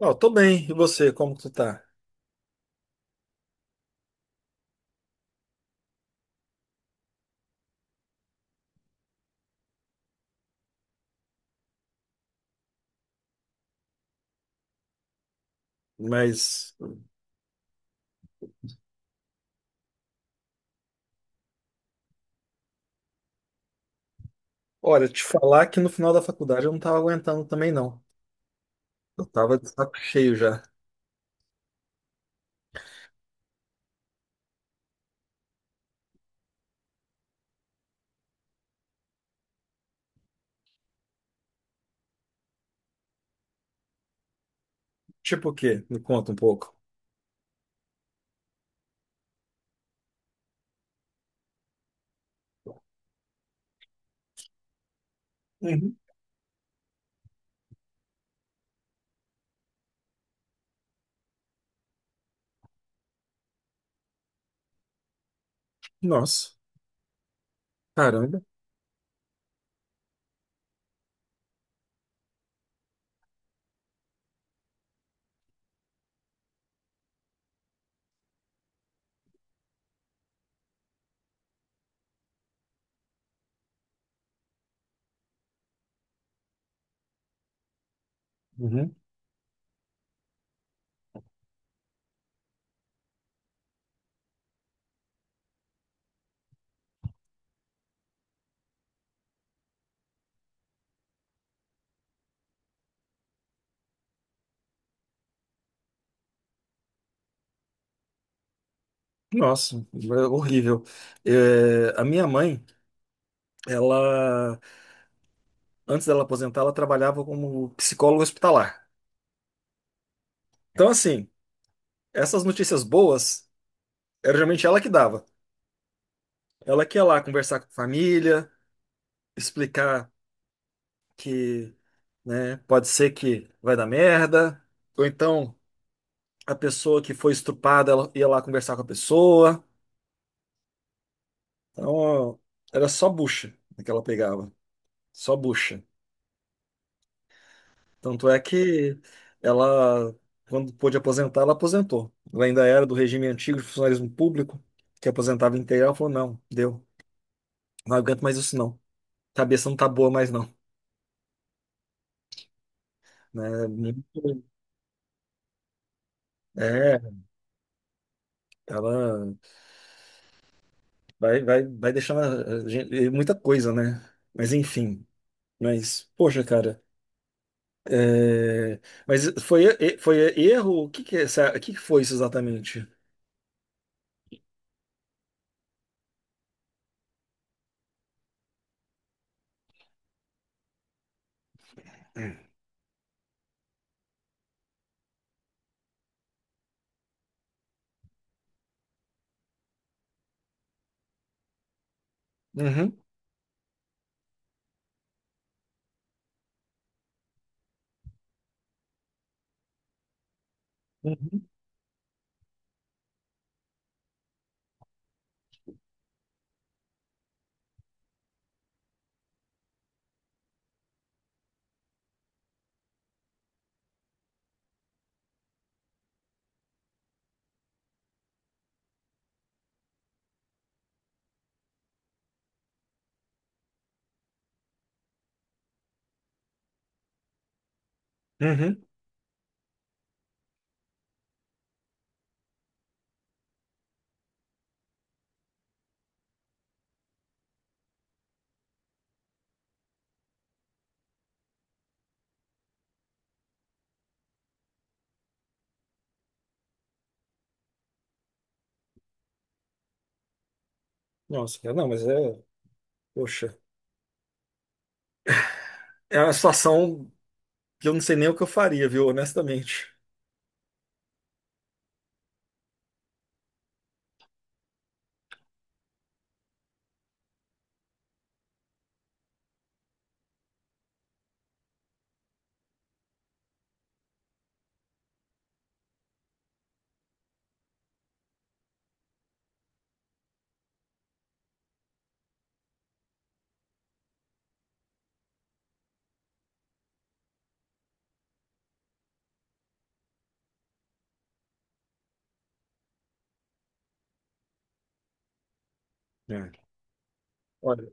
Ó, tô bem. E você, como que tu tá? Mas, olha, te falar que no final da faculdade eu não tava aguentando também, não. Eu tava de saco cheio já. Tipo o quê? Me conta um pouco. Uhum. Nossa, caramba. Uhum. Nossa, é horrível. É, a minha mãe, ela, antes dela aposentar, ela trabalhava como psicóloga hospitalar. Então, assim, essas notícias boas, era geralmente ela que dava. Ela que ia lá conversar com a família, explicar que, né? Pode ser que vai dar merda, ou então a pessoa que foi estuprada, ela ia lá conversar com a pessoa. Então, era só bucha, né, que ela pegava, só bucha. Tanto é que ela, quando pôde aposentar, ela aposentou. Ela ainda era do regime antigo de funcionalismo público, que aposentava integral. Ela falou, não, deu, não aguento mais isso não. Cabeça não tá boa mais não. Né? É, ela vai muita coisa, né? Mas enfim. Mas, poxa, cara. é, Mas foi erro? O que que é essa... o que que foi isso exatamente? Uhum, uhum, uhum. Nossa, cara, não, mas é. Poxa. É uma situação que eu não sei nem o que eu faria, viu? Honestamente. É. Olha,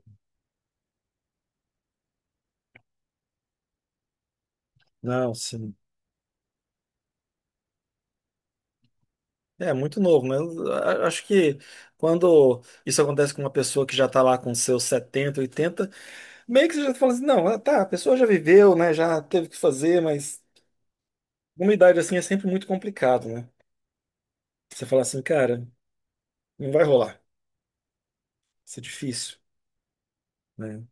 não, sim. É muito novo, né? Acho que quando isso acontece com uma pessoa que já está lá com seus 70, 80, meio que você já fala assim, não, ah, tá, a pessoa já viveu, né? Já teve o que fazer, mas uma idade assim é sempre muito complicado, né? Você fala assim, cara, não vai rolar, isso é difícil, né?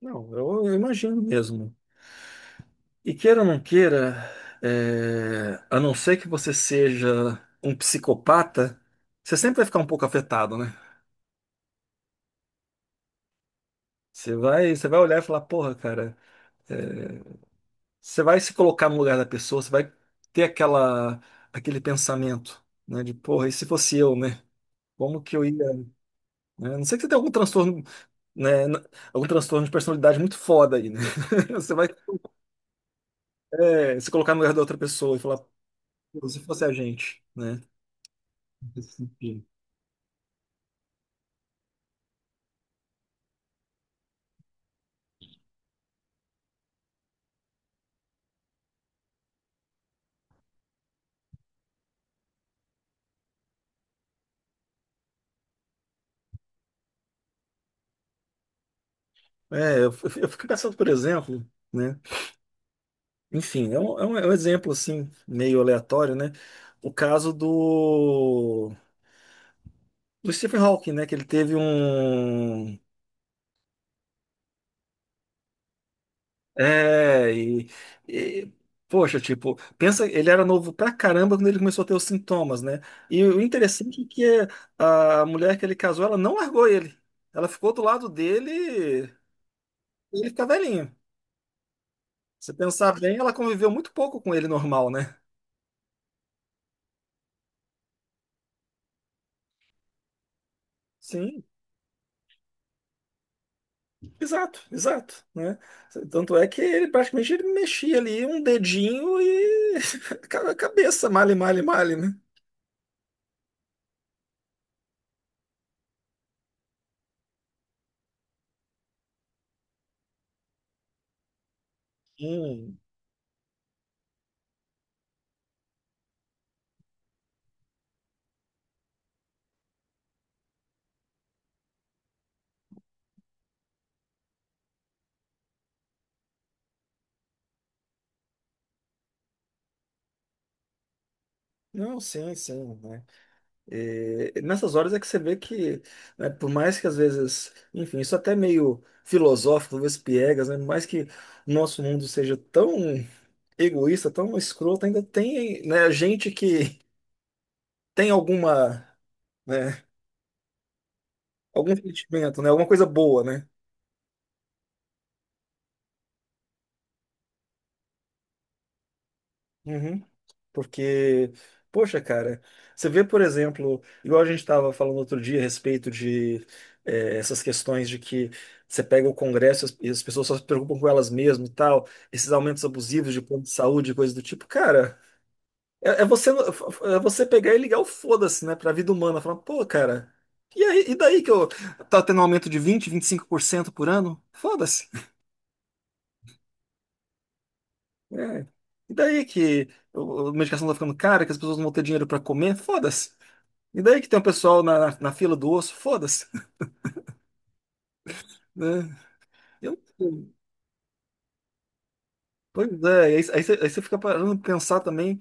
Não, eu imagino mesmo. E queira ou não queira, a não ser que você seja um psicopata, você sempre vai ficar um pouco afetado, né? Você vai olhar e falar, porra, cara, é, você vai se colocar no lugar da pessoa, você vai ter aquela, aquele pensamento, né? De, porra, e se fosse eu, né? Como que eu ia, né? A não ser que você tenha algum transtorno, né? Algum transtorno de personalidade muito foda aí, né? Você vai se colocar no lugar da outra pessoa e falar, "Pô, se fosse a gente, né? Nesse sentido. É, eu fico pensando, por exemplo, né? Enfim, é um exemplo assim, meio aleatório, né? O caso do Stephen Hawking, né? Que ele teve um. É, e, poxa, tipo, pensa, ele era novo pra caramba quando ele começou a ter os sintomas, né? E o interessante é que a mulher que ele casou, ela não largou ele. Ela ficou do lado dele e ele fica velhinho. Se pensar bem, ela conviveu muito pouco com ele normal, né? Sim, exato, exato, né? Tanto é que ele praticamente ele mexia ali um dedinho e a cabeça, male, male, male, né? Hum. Não, sim, sim, né? E nessas horas é que você vê que, né, por mais que às vezes, enfim, isso até é meio filosófico, talvez piegas, né? Por mais que o nosso mundo seja tão egoísta, tão escroto, ainda tem, né, gente que tem alguma, né? Algum sentimento, né? Alguma coisa boa, né? Uhum. Porque, poxa, cara, você vê, por exemplo, igual a gente estava falando outro dia a respeito de essas questões de que você pega o Congresso e as pessoas só se preocupam com elas mesmas e tal, esses aumentos abusivos de plano de saúde, coisa do tipo, cara, é você pegar e ligar o foda-se, né, pra vida humana, falar, pô, cara, e aí, e daí que eu tá tendo um aumento de 20, 25% por ano? Foda-se. É. E daí que a medicação tá ficando cara, que as pessoas não vão ter dinheiro pra comer? Foda-se. E daí que tem um pessoal na fila do osso? Foda-se. Né? Eu, pois é, aí, aí você fica parando de pensar também,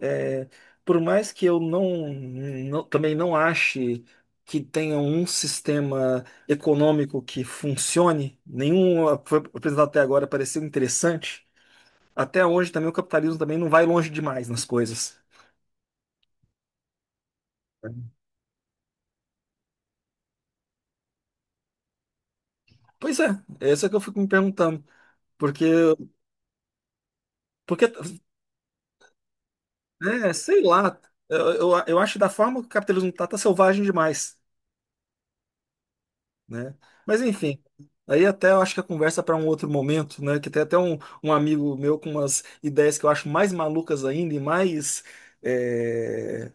é, por mais que eu também não ache que tenha um sistema econômico que funcione, nenhum foi apresentado até agora pareceu interessante, até hoje também o capitalismo também não vai longe demais nas coisas. Pois é, é isso que eu fico me perguntando. Porque, porque, né, sei lá, eu acho que da forma que o capitalismo tá selvagem demais, né? Mas enfim, aí até eu acho que a conversa para um outro momento, né? Que tem até um amigo meu com umas ideias que eu acho mais malucas ainda e mais é,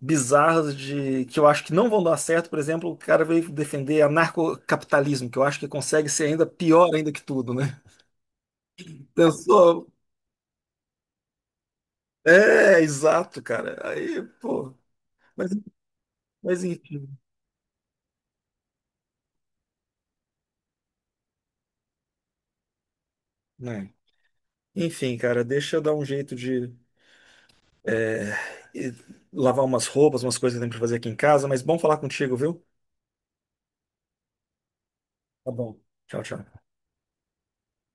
bizarras de que eu acho que não vão dar certo. Por exemplo, o cara veio defender anarcocapitalismo, que eu acho que consegue ser ainda pior ainda que tudo, né? Pensou? É, exato, cara. Aí, pô, mas, mas enfim, né? Enfim, cara, deixa eu dar um jeito de é, e- lavar umas roupas, umas coisas que eu tenho pra fazer aqui em casa, mas bom falar contigo, viu? Tá bom. Tchau, tchau.